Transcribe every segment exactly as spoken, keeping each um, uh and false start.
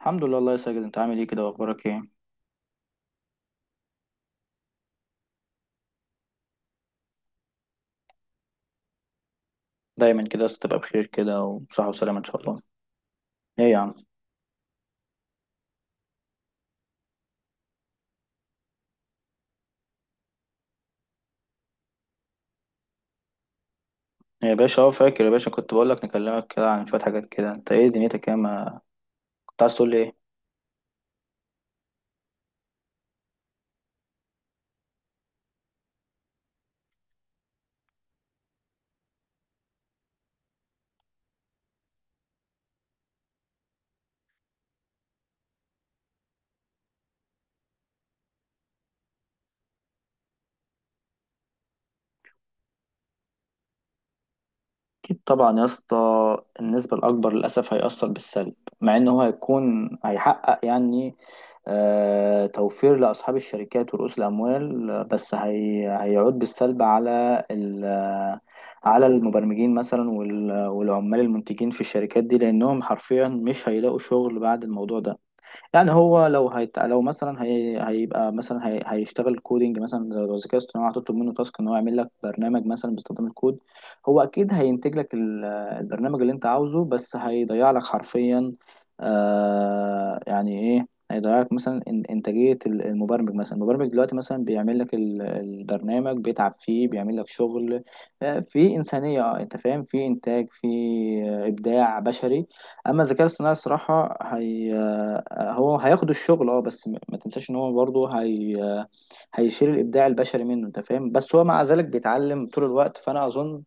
الحمد لله. الله يسجد، انت عامل ايه كده واخبارك ايه؟ دايما كده تبقى بخير كده، وصحة وسلامة ان شاء الله. ايه يا عم؟ ايه يا باشا؟ اه فاكر يا باشا، كنت بقول لك نكلمك كده عن شوية حاجات كده. انت ايه دنيتك؟ ايه ما كنت عايز تقول لي ايه؟ اكيد طبعا يا اسطى، النسبة الاكبر للاسف هيأثر بالسلب. مع ان هو هيكون هيحقق يعني آه، توفير لأصحاب الشركات ورؤوس الأموال، آه، بس هي هيعود بالسلب على ال- آه، على المبرمجين مثلا، وال- آه، والعمال المنتجين في الشركات دي، لأنهم حرفيا مش هيلاقوا شغل بعد الموضوع ده. يعني هو لو هيت... لو مثلا هي... هيبقى مثلا هي... هيشتغل كودينج مثلا، زي لو الذكاء الاصطناعي هتطلب منه تاسك ان هو يعمل لك برنامج مثلا باستخدام الكود. هو اكيد هينتج لك ال... البرنامج اللي انت عاوزه، بس هيضيع لك حرفيا. آه... يعني ايه هيضيع لك مثلا؟ إن- انتاجية ال- المبرمج. مثلا المبرمج دلوقتي مثلا بيعمل لك ال- البرنامج، بيتعب فيه، بيعمل لك شغل آه، في إنسانية، آه، انت فاهم، في انتاج، في آه، ابداع بشري. اما الذكاء الاصطناعي الصراحه هي آه، هو هياخد الشغل اه، بس م- ما تنساش ان هو برضه هي آه، هيشيل الابداع البشري منه، انت فاهم. بس هو مع ذلك بيتعلم طول الوقت، فانا اظن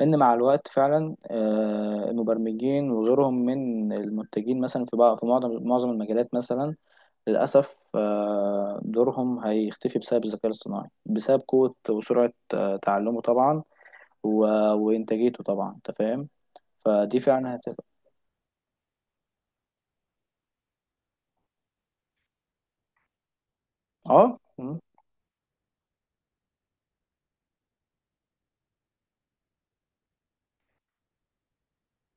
ان مع الوقت فعلا، آه، المبرمجين وغيرهم من المنتجين مثلا في بعض في معظم معظم المجالات مثلا، للاسف آه، دورهم هيختفي بسبب الذكاء الاصطناعي، بسبب قوه وسرعه آه، تعلمه طبعا و- وانتاجيته طبعا، انت فاهم. فدي فعلا هتبقى. اه،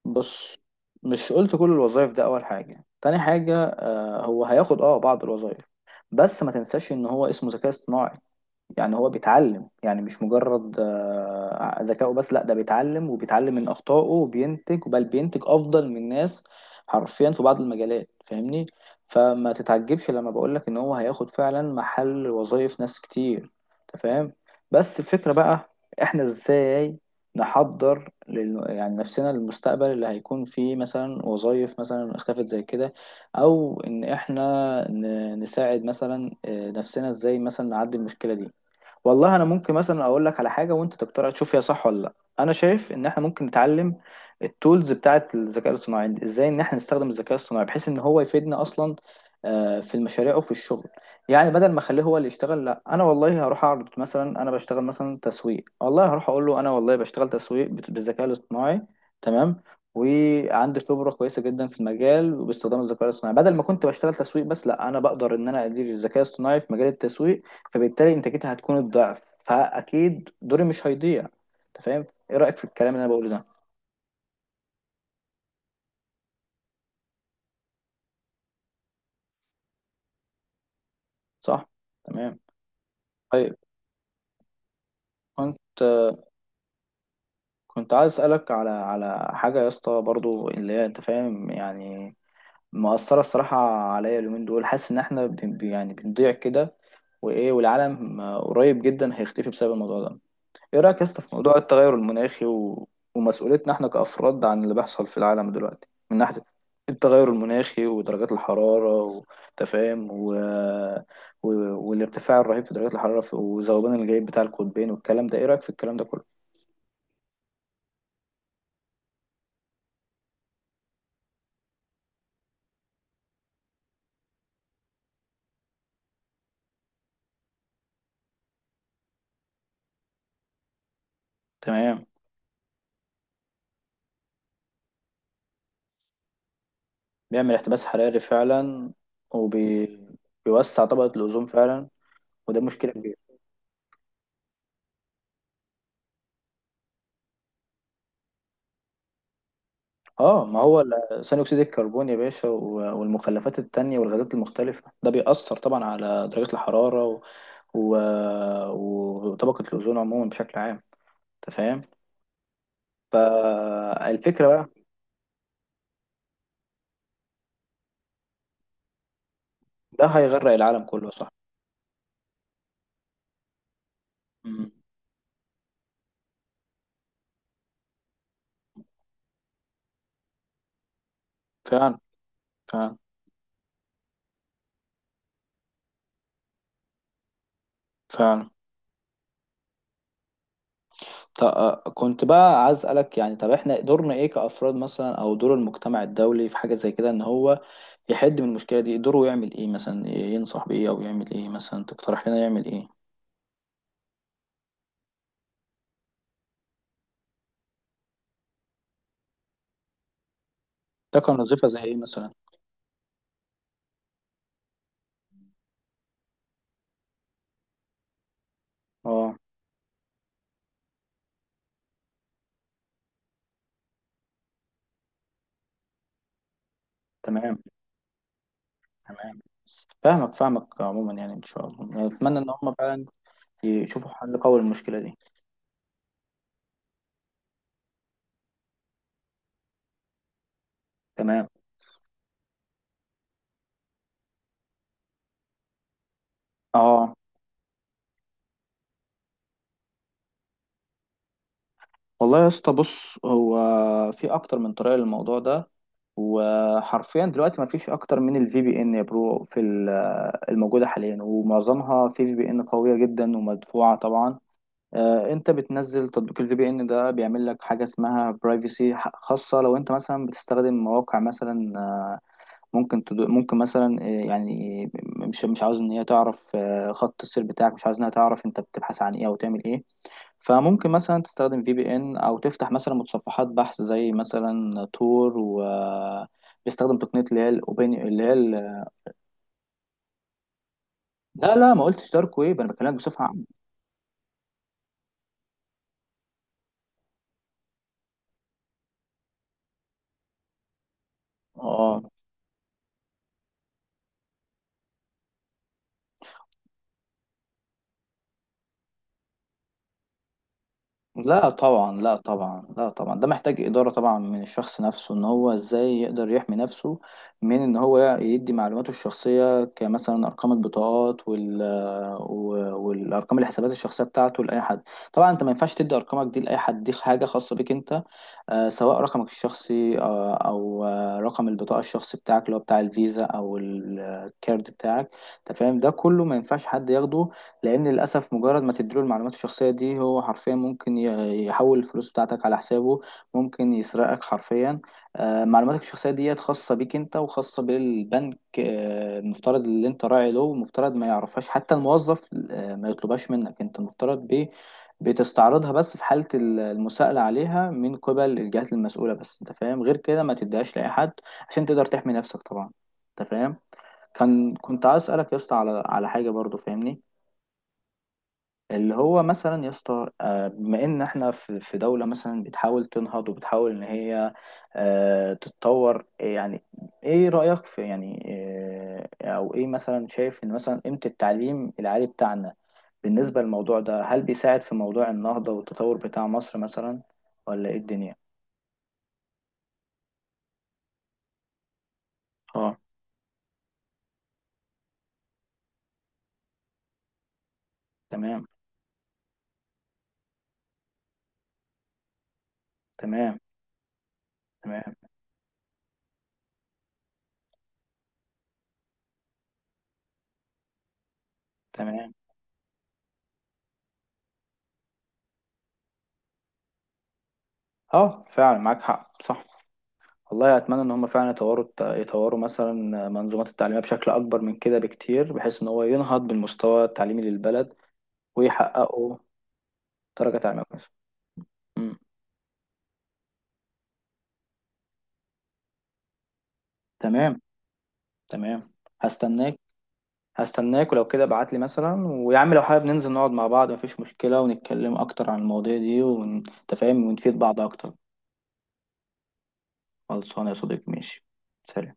بص، مش قلت كل الوظائف ده. اول حاجه، تاني حاجه آه هو هياخد اه بعض الوظائف. بس ما تنساش ان هو اسمه ذكاء اصطناعي، يعني هو بيتعلم. يعني مش مجرد آه، ذكائه بس، لا ده بيتعلم وبيتعلم من أخطائه، وبينتج، بل بينتج أفضل من ناس حرفيا في بعض المجالات، فاهمني. فما تتعجبش لما بقولك إن هو هياخد فعلا محل وظائف ناس كتير، أنت فاهم. بس الفكرة بقى، إحنا إزاي نحضر لل... يعني نفسنا للمستقبل اللي هيكون فيه مثلا وظائف مثلا اختفت زي كده، أو إن إحنا ن... نساعد مثلا آه، نفسنا، إزاي مثلا نعدي المشكلة دي. والله انا ممكن مثلا اقول لك على حاجه وانت تقترح تشوف هي صح ولا لا. انا شايف ان احنا ممكن نتعلم التولز بتاعه الذكاء الاصطناعي دي، ازاي ان احنا نستخدم الذكاء الاصطناعي بحيث ان هو يفيدنا اصلا آه، في المشاريع وفي الشغل. يعني بدل ما اخليه هو اللي يشتغل، لا انا والله هروح اعرض مثلا. انا بشتغل مثلا تسويق، والله هروح اقول له انا والله بشتغل تسويق بت- بالذكاء الاصطناعي. تمام. وعندي خبره كويسه جدا في المجال، وباستخدام الذكاء الاصطناعي بدل ما كنت بشتغل تسويق بس، لا انا بقدر ان انا ادير الذكاء الاصطناعي في مجال التسويق، فبالتالي انتاجتها هتكون الضعف، فاكيد دوري مش هيضيع. انت فاهم؟ ايه رايك في الكلام اللي انا بقوله ده؟ صح. تمام. طيب. كنت كنت عايز اسالك على على حاجه يا اسطى، برضو اللي هي انت فاهم يعني، مأثرة الصراحة عليا اليومين دول. حاسس إن إحنا بن- يعني بنضيع كده وإيه، والعالم قريب جدا هيختفي بسبب الموضوع ده. ايه رأيك يا اسطى في موضوع التغير المناخي و... ومسؤوليتنا احنا كأفراد عن اللي بيحصل في العالم دلوقتي، من ناحية التغير المناخي ودرجات الحرارة وتفاهم و... و... والارتفاع الرهيب في درجات الحرارة في... وذوبان الجليد بتاع القطبين والكلام ده؟ ايه رأيك في الكلام ده كله؟ تمام. بيعمل احتباس حراري فعلا، وبيوسع طبقة الأوزون فعلا، وده مشكلة كبيرة. اه، ما هو ال- ثاني اكسيد الكربون يا باشا و- والمخلفات التانية والغازات المختلفة ده بيأثر طبعا على درجة الحرارة و... وطبقة الأوزون عموما بشكل عام، أنت فاهم؟ آه، الفكرة بقى. ده هيغرق العالم كله، صح. مم. فعلا. فعلا. فعلا. طب آه، كنت بقى عايز أسألك، يعني طب احنا دورنا ايه كأفراد مثلا، او دور المجتمع الدولي في حاجة زي كده ان هو يحد من المشكلة دي؟ دوره يعمل ايه مثلا؟ ينصح بإيه او يعمل ايه مثلا؟ تقترح لنا يعمل ايه؟ ده كان وظيفة زي ايه مثلا؟ اه. تمام. تمام. فاهمك فاهمك عموما يعني. ان شاء الله يعني اتمنى ان هم فعلا يشوفوا حل قوي للمشكلة دي. تمام. اه، والله يا اسطى، بص، هو في اكتر من طريقه للموضوع ده، وحرفيا دلوقتي ما فيش اكتر من الفي بي ان يا برو في ال- الموجوده حاليا، ومعظمها في في بي ان قويه جدا ومدفوعه طبعا. آه، انت بتنزل تطبيق الفي بي ان ده، بيعمل لك حاجه اسمها برايفسي، خاصه لو انت مثلا بتستخدم مواقع مثلا آه، ممكن تدو ممكن مثلا آه، يعني مش مش عاوز ان هي تعرف آه، خط السير بتاعك، مش عاوز انها تعرف انت بتبحث عن ايه او تعمل ايه. فممكن مثلا تستخدم في بي ان، او تفتح مثلا متصفحات بحث زي مثلا تور و بيستخدم تقنيه اللي هي الاوبن. اللي هي ال- لا لا، ما قلتش دارك ويب، انا بكلمك بصفه عامه. اه، لا طبعا، لا طبعا، لا طبعا، ده محتاج إدارة طبعا من الشخص نفسه ان هو ازاي يقدر يحمي نفسه من ان هو يدي معلوماته الشخصية كمثلا ارقام البطاقات وال و- والارقام الحسابات الشخصية بتاعته لاي حد. طبعا انت ما ينفعش تدي ارقامك دي لاي حد، دي حاجة خاصة بيك انت، آه، سواء رقمك الشخصي، آه، او آه، رقم البطاقة الشخصي بتاعك اللي هو بتاع الفيزا او الكارد بتاعك. انت فاهم، ده كله ما ينفعش حد ياخده، لان للاسف مجرد ما تديله المعلومات الشخصيه دي هو حرفيا ممكن ي- يحول الفلوس بتاعتك على حسابه، ممكن يسرقك حرفيا. آه، معلوماتك الشخصيه ديت خاصه بيك انت وخاصه بالبنك، آه، المفترض اللي انت راعي له، المفترض ما يعرفهاش حتى الموظف. آه، ما يطلبهاش منك انت، المفترض بي بتستعرضها بس في حالة ال- المساءلة عليها من قبل الجهات المسؤولة بس، انت فاهم. غير كده ما تديهاش لأي حد عشان تقدر تحمي نفسك طبعا. انت فاهم؟ كان كنت عايز أسألك يا اسطى على على حاجة برضو، فاهمني، اللي هو مثلا يا اسطى آه، بما ان احنا في في دوله مثلا بتحاول تنهض وبتحاول ان هي آه، تتطور يعني. ايه رايك في يعني آه، او ايه مثلا شايف ان مثلا قيمه التعليم العالي بتاعنا بالنسبه للموضوع ده؟ هل بيساعد في موضوع النهضه والتطور بتاع مصر مثلا، ولا ايه الدنيا؟ اه. تمام. تمام. تمام. تمام. اه، فعلا معاك حق، صح. والله اتمنى ان هم فعلا يطوروا الت- يطوروا مثلا منظومات التعليميه بشكل اكبر من كده بكتير، بحيث ان هو ينهض بالمستوى التعليمي للبلد، ويحققوا درجه تعليميه كويسه. أمم. تمام. تمام. هستناك. هستناك، ولو كده ابعت لي مثلا. ويا عم لو حابب ننزل نقعد مع بعض مفيش مشكله، ونتكلم اكتر عن المواضيع دي ونتفاهم ونفيد بعض اكتر. خلصانه يا صديقي، ماشي، سلام.